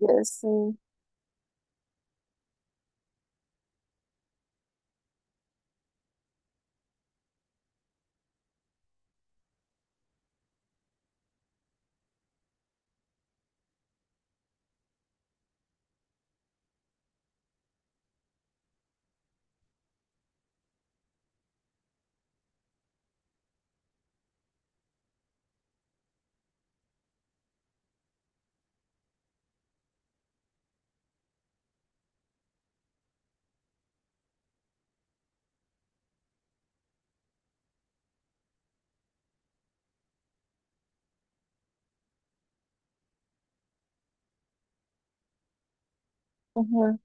Ya sé. Ajá.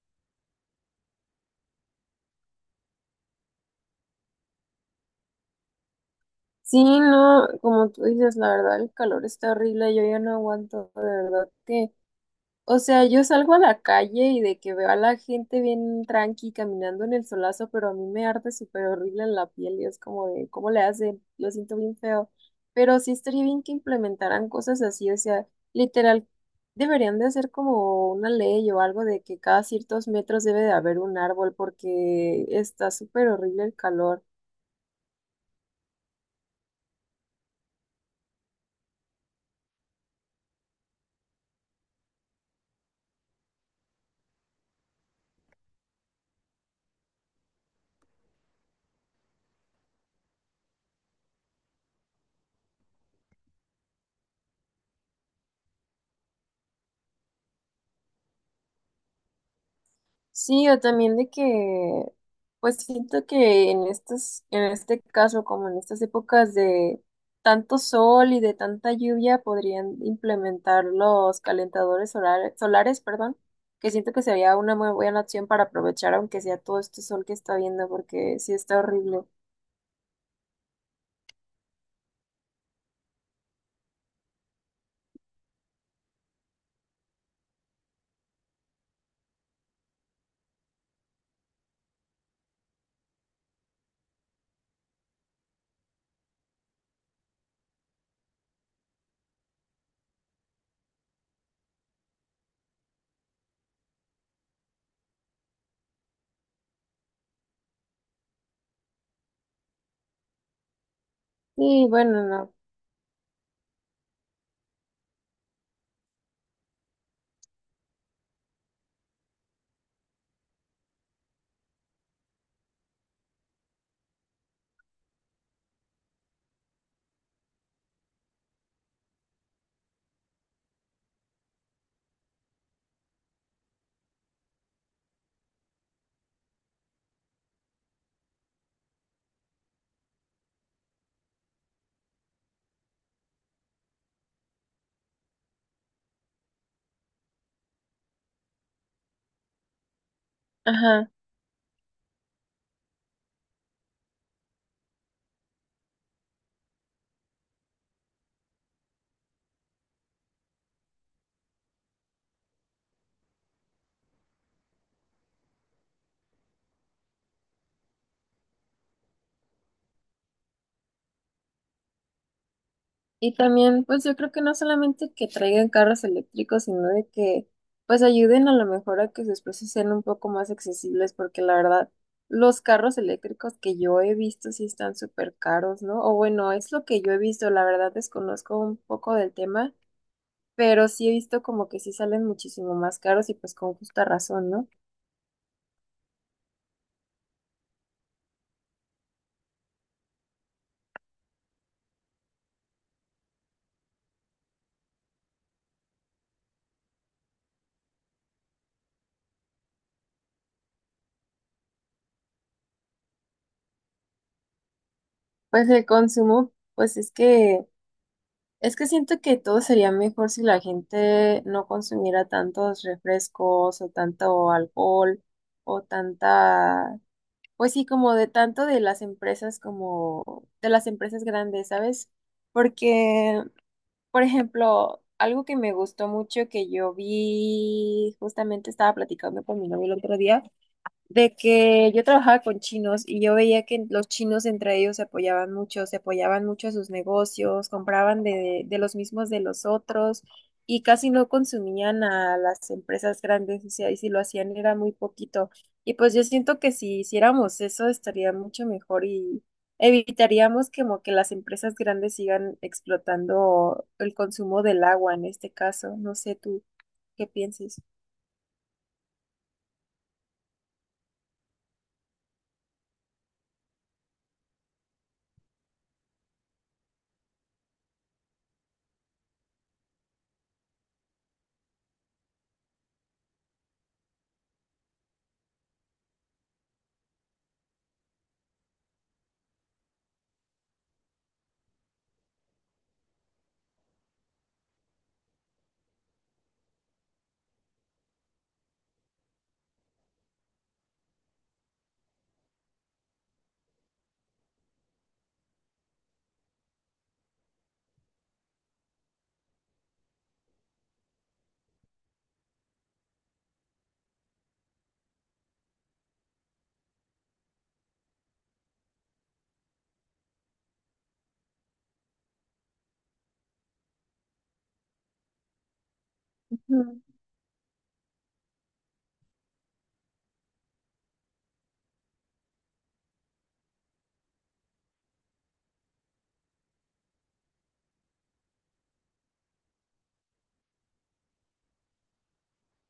Sí, no, como tú dices, la verdad, el calor está horrible, yo ya no aguanto, de verdad que, o sea, yo salgo a la calle y de que veo a la gente bien tranqui caminando en el solazo, pero a mí me arde súper horrible en la piel y es como de, ¿cómo le hacen? Lo siento bien feo, pero sí estaría bien que implementaran cosas así, o sea, literal, deberían de hacer como una ley o algo de que cada ciertos metros debe de haber un árbol porque está súper horrible el calor. Sí, o también de que, pues siento que en estas, en este caso, como en estas épocas de tanto sol y de tanta lluvia, podrían implementar los calentadores solares, solares, perdón, que siento que sería una muy buena opción para aprovechar, aunque sea todo este sol que está viendo, porque sí está horrible. Sí, bueno, no. Ajá. Y también, pues yo creo que no solamente que traigan carros eléctricos, sino de que pues ayuden a lo mejor a que sus precios sean un poco más accesibles, porque la verdad, los carros eléctricos que yo he visto sí están súper caros, ¿no? O bueno, es lo que yo he visto, la verdad desconozco un poco del tema, pero sí he visto como que sí salen muchísimo más caros y pues con justa razón, ¿no? Pues el consumo, pues es que es que siento que todo sería mejor si la gente no consumiera tantos refrescos o tanto alcohol o tanta, pues sí, como de tanto de las empresas como de las empresas grandes, ¿sabes? Porque, por ejemplo, algo que me gustó mucho que yo vi, justamente estaba platicando con mi novio el otro día de que yo trabajaba con chinos y yo veía que los chinos entre ellos se apoyaban mucho a sus negocios, compraban de los mismos de los otros y casi no consumían a las empresas grandes, o sea, y si lo hacían era muy poquito. Y pues yo siento que si hiciéramos eso estaría mucho mejor y evitaríamos como que las empresas grandes sigan explotando el consumo del agua en este caso. No sé tú qué pienses. Ujú.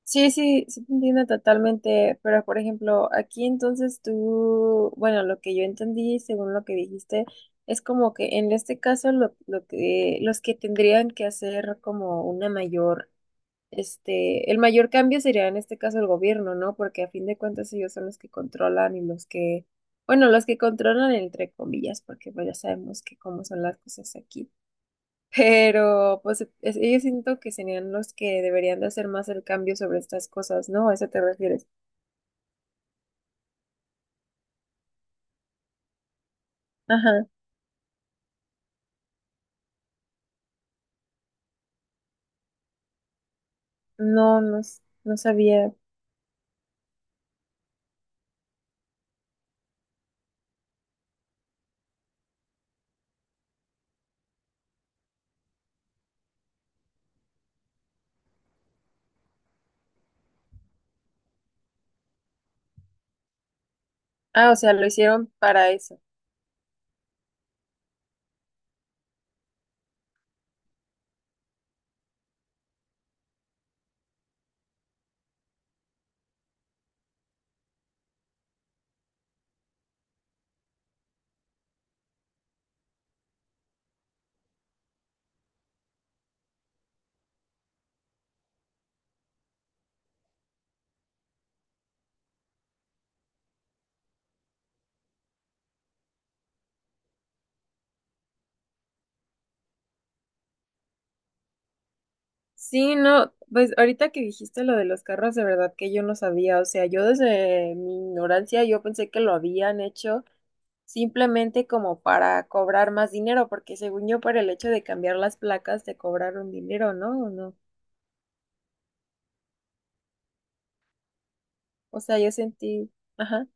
Sí, sí, sí te entiendo totalmente, pero por ejemplo, aquí entonces tú, bueno, lo que yo entendí según lo que dijiste, es como que en este caso los que tendrían que hacer como una mayor, este, el mayor cambio sería en este caso el gobierno, ¿no? Porque a fin de cuentas ellos son los que controlan y los que, bueno, los que controlan entre comillas, porque pues ya sabemos que cómo son las cosas aquí. Pero pues ellos siento que serían los que deberían de hacer más el cambio sobre estas cosas, ¿no? ¿A eso te refieres? Ajá. No, no, no sabía. Ah, o sea, lo hicieron para eso. Sí, no, pues ahorita que dijiste lo de los carros, de verdad que yo no sabía. O sea, yo desde mi ignorancia yo pensé que lo habían hecho simplemente como para cobrar más dinero, porque según yo, por el hecho de cambiar las placas te cobraron dinero, ¿no? ¿O no? O sea, yo sentí, ajá.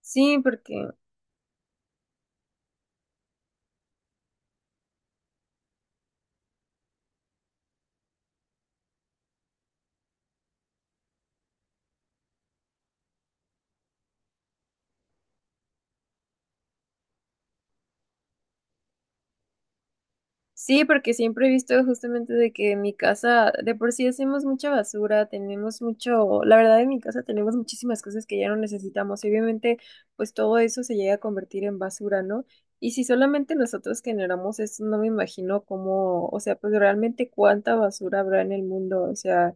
Sí, porque siempre he visto justamente de que en mi casa de por sí hacemos mucha basura, tenemos mucho, la verdad en mi casa tenemos muchísimas cosas que ya no necesitamos y obviamente pues todo eso se llega a convertir en basura, ¿no? Y si solamente nosotros generamos eso, no me imagino cómo, o sea, pues realmente cuánta basura habrá en el mundo, o sea,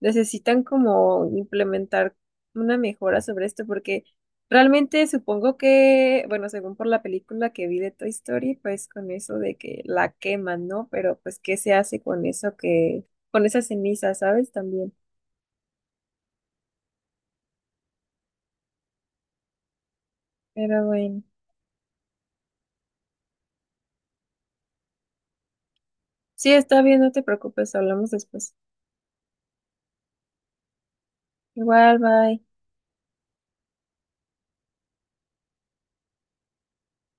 necesitan como implementar una mejora sobre esto, porque realmente supongo que, bueno, según por la película que vi de Toy Story, pues con eso de que la queman, ¿no? Pero pues, ¿qué se hace con eso que, con esa ceniza, ¿sabes? También. Pero bueno. Sí, está bien, no te preocupes, hablamos después. Igual, bye.